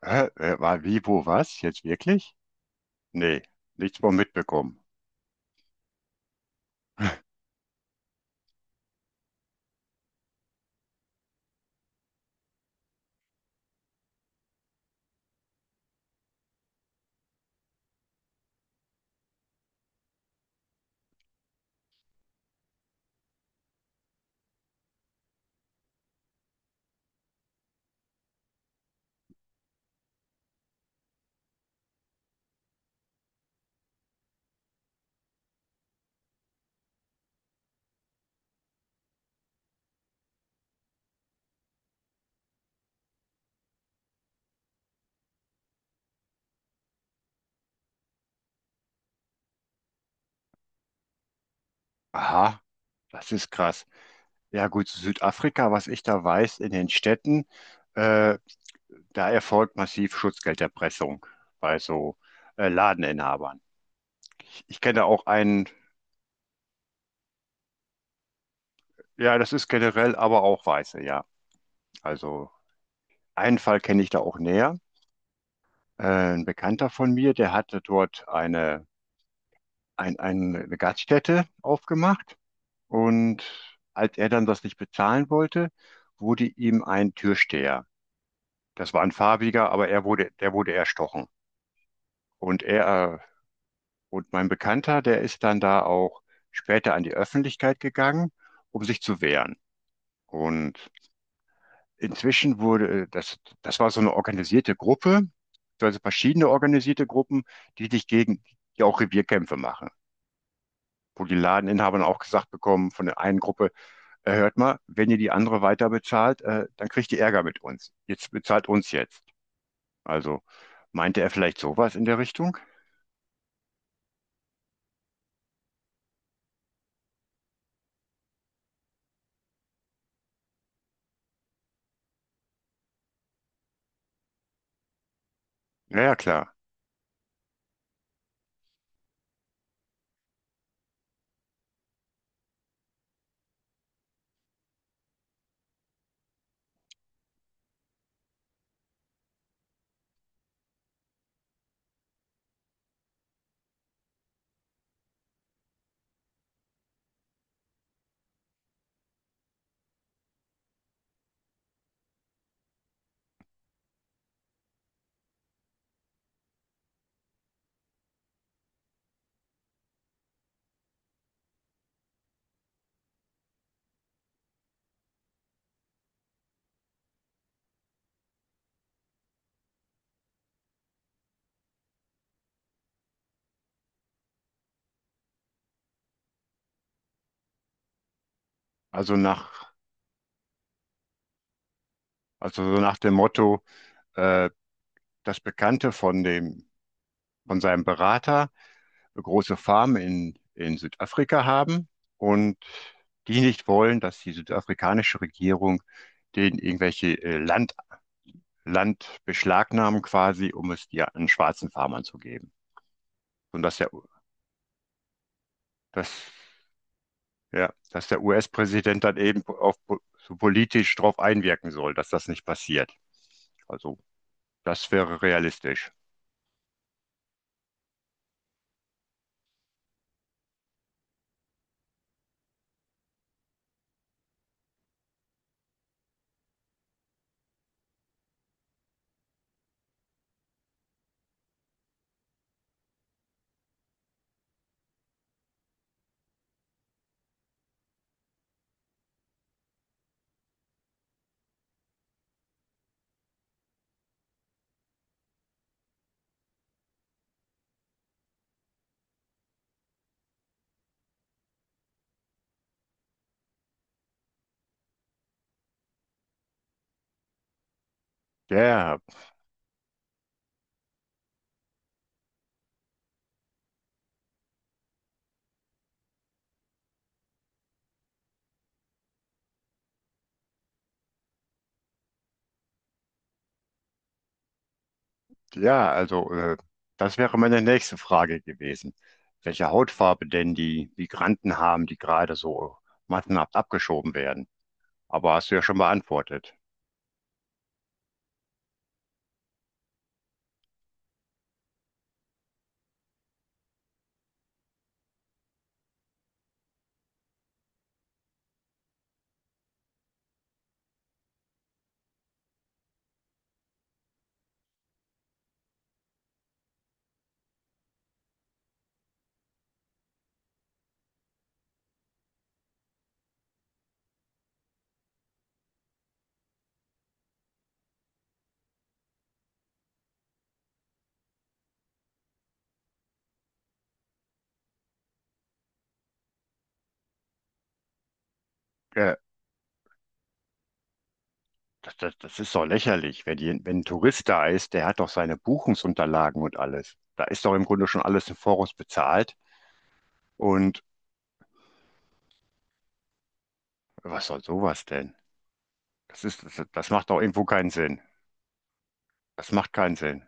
War wie, wo, was? Jetzt wirklich? Nee, nichts mehr mitbekommen. Aha, das ist krass. Ja gut, Südafrika, was ich da weiß, in den Städten, äh, da erfolgt massiv Schutzgelderpressung bei so Ladeninhabern. Ich kenne auch einen, ja, das ist generell, aber auch Weiße, ja. Also einen Fall kenne ich da auch näher. Äh, ein Bekannter von mir, der hatte dort eine, eine Gaststätte aufgemacht. Und als er dann das nicht bezahlen wollte, wurde ihm ein Türsteher. Das war ein farbiger, aber er wurde, der wurde erstochen. Und und mein Bekannter, der ist dann da auch später an die Öffentlichkeit gegangen, um sich zu wehren. Und inzwischen wurde, das, das war so eine organisierte Gruppe, also verschiedene organisierte Gruppen, die sich gegen, die auch Revierkämpfe machen. Wo die Ladeninhaber dann auch gesagt bekommen von der einen Gruppe: hört mal, wenn ihr die andere weiter bezahlt, dann kriegt ihr Ärger mit uns. Jetzt bezahlt uns jetzt. Also meinte er vielleicht sowas in der Richtung? Ja, ja, klar. Also nach, also so nach dem Motto, äh, das Bekannte von dem, von seinem Berater eine große Farm in Südafrika haben und die nicht wollen, dass die südafrikanische Regierung denen irgendwelche Land, Land beschlagnahmen quasi, um es dir an schwarzen Farmern zu geben. Und dass der, dass ja, dass der US-Präsident dann eben so politisch darauf einwirken soll, dass das nicht passiert. Also, das wäre realistisch. Ja, ja, also das wäre meine nächste Frage gewesen. Welche Hautfarbe denn die Migranten haben, die gerade so massenhaft abgeschoben werden? Aber hast du ja schon beantwortet. Ja, das ist doch lächerlich. Wenn ein Tourist da ist, der hat doch seine Buchungsunterlagen und alles. Da ist doch im Grunde schon alles im Voraus bezahlt. Und was soll sowas denn? Das macht auch irgendwo keinen Sinn. Das macht keinen Sinn.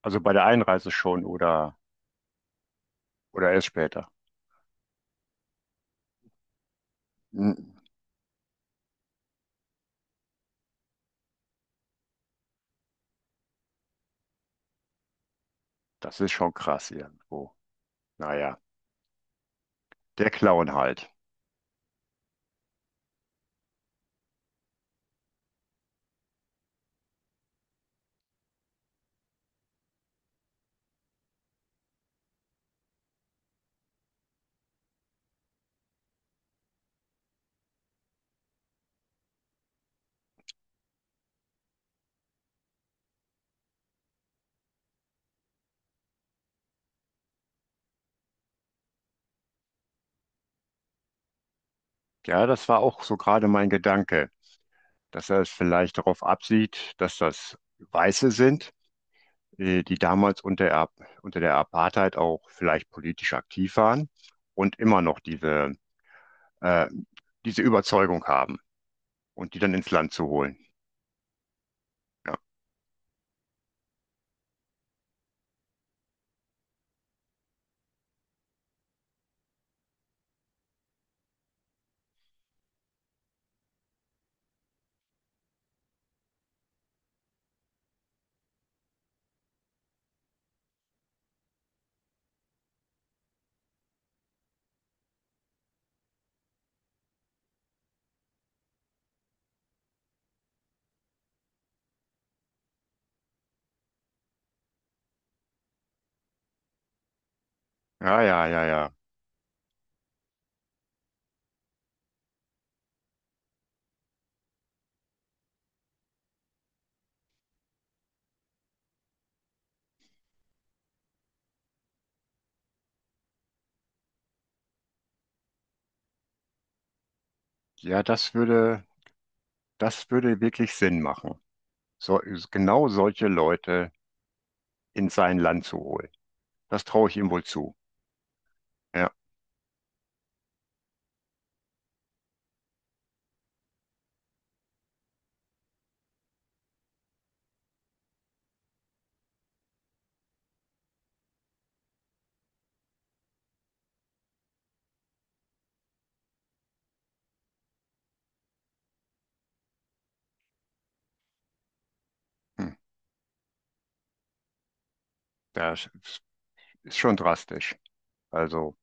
Also bei der Einreise schon oder erst später. Hm, das ist schon krass irgendwo. Naja, der Clown halt. Ja, das war auch so gerade mein Gedanke, dass er es vielleicht darauf absieht, dass das Weiße sind, die damals unter der Apartheid auch vielleicht politisch aktiv waren und immer noch diese, äh, diese Überzeugung haben und die dann ins Land zu holen. Ja, ja. Ja das würde. Das würde wirklich Sinn machen, so, genau solche Leute in sein Land zu holen. Das traue ich ihm wohl zu. Ja, hm, das ist schon drastisch. Also,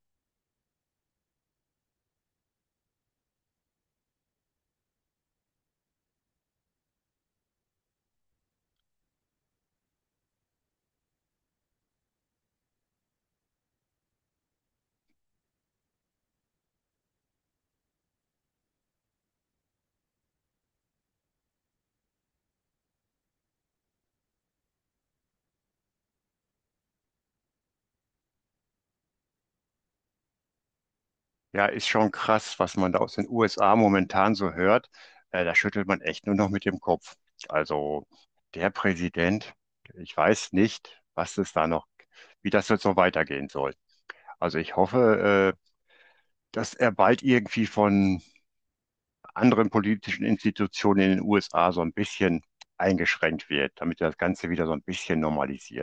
ja, ist schon krass, was man da aus den USA momentan so hört. Da schüttelt man echt nur noch mit dem Kopf. Also, der Präsident, ich weiß nicht, was es da noch, wie das jetzt so weitergehen soll. Also, ich hoffe, dass er bald irgendwie von anderen politischen Institutionen in den USA so ein bisschen eingeschränkt wird, damit das Ganze wieder so ein bisschen normalisiert.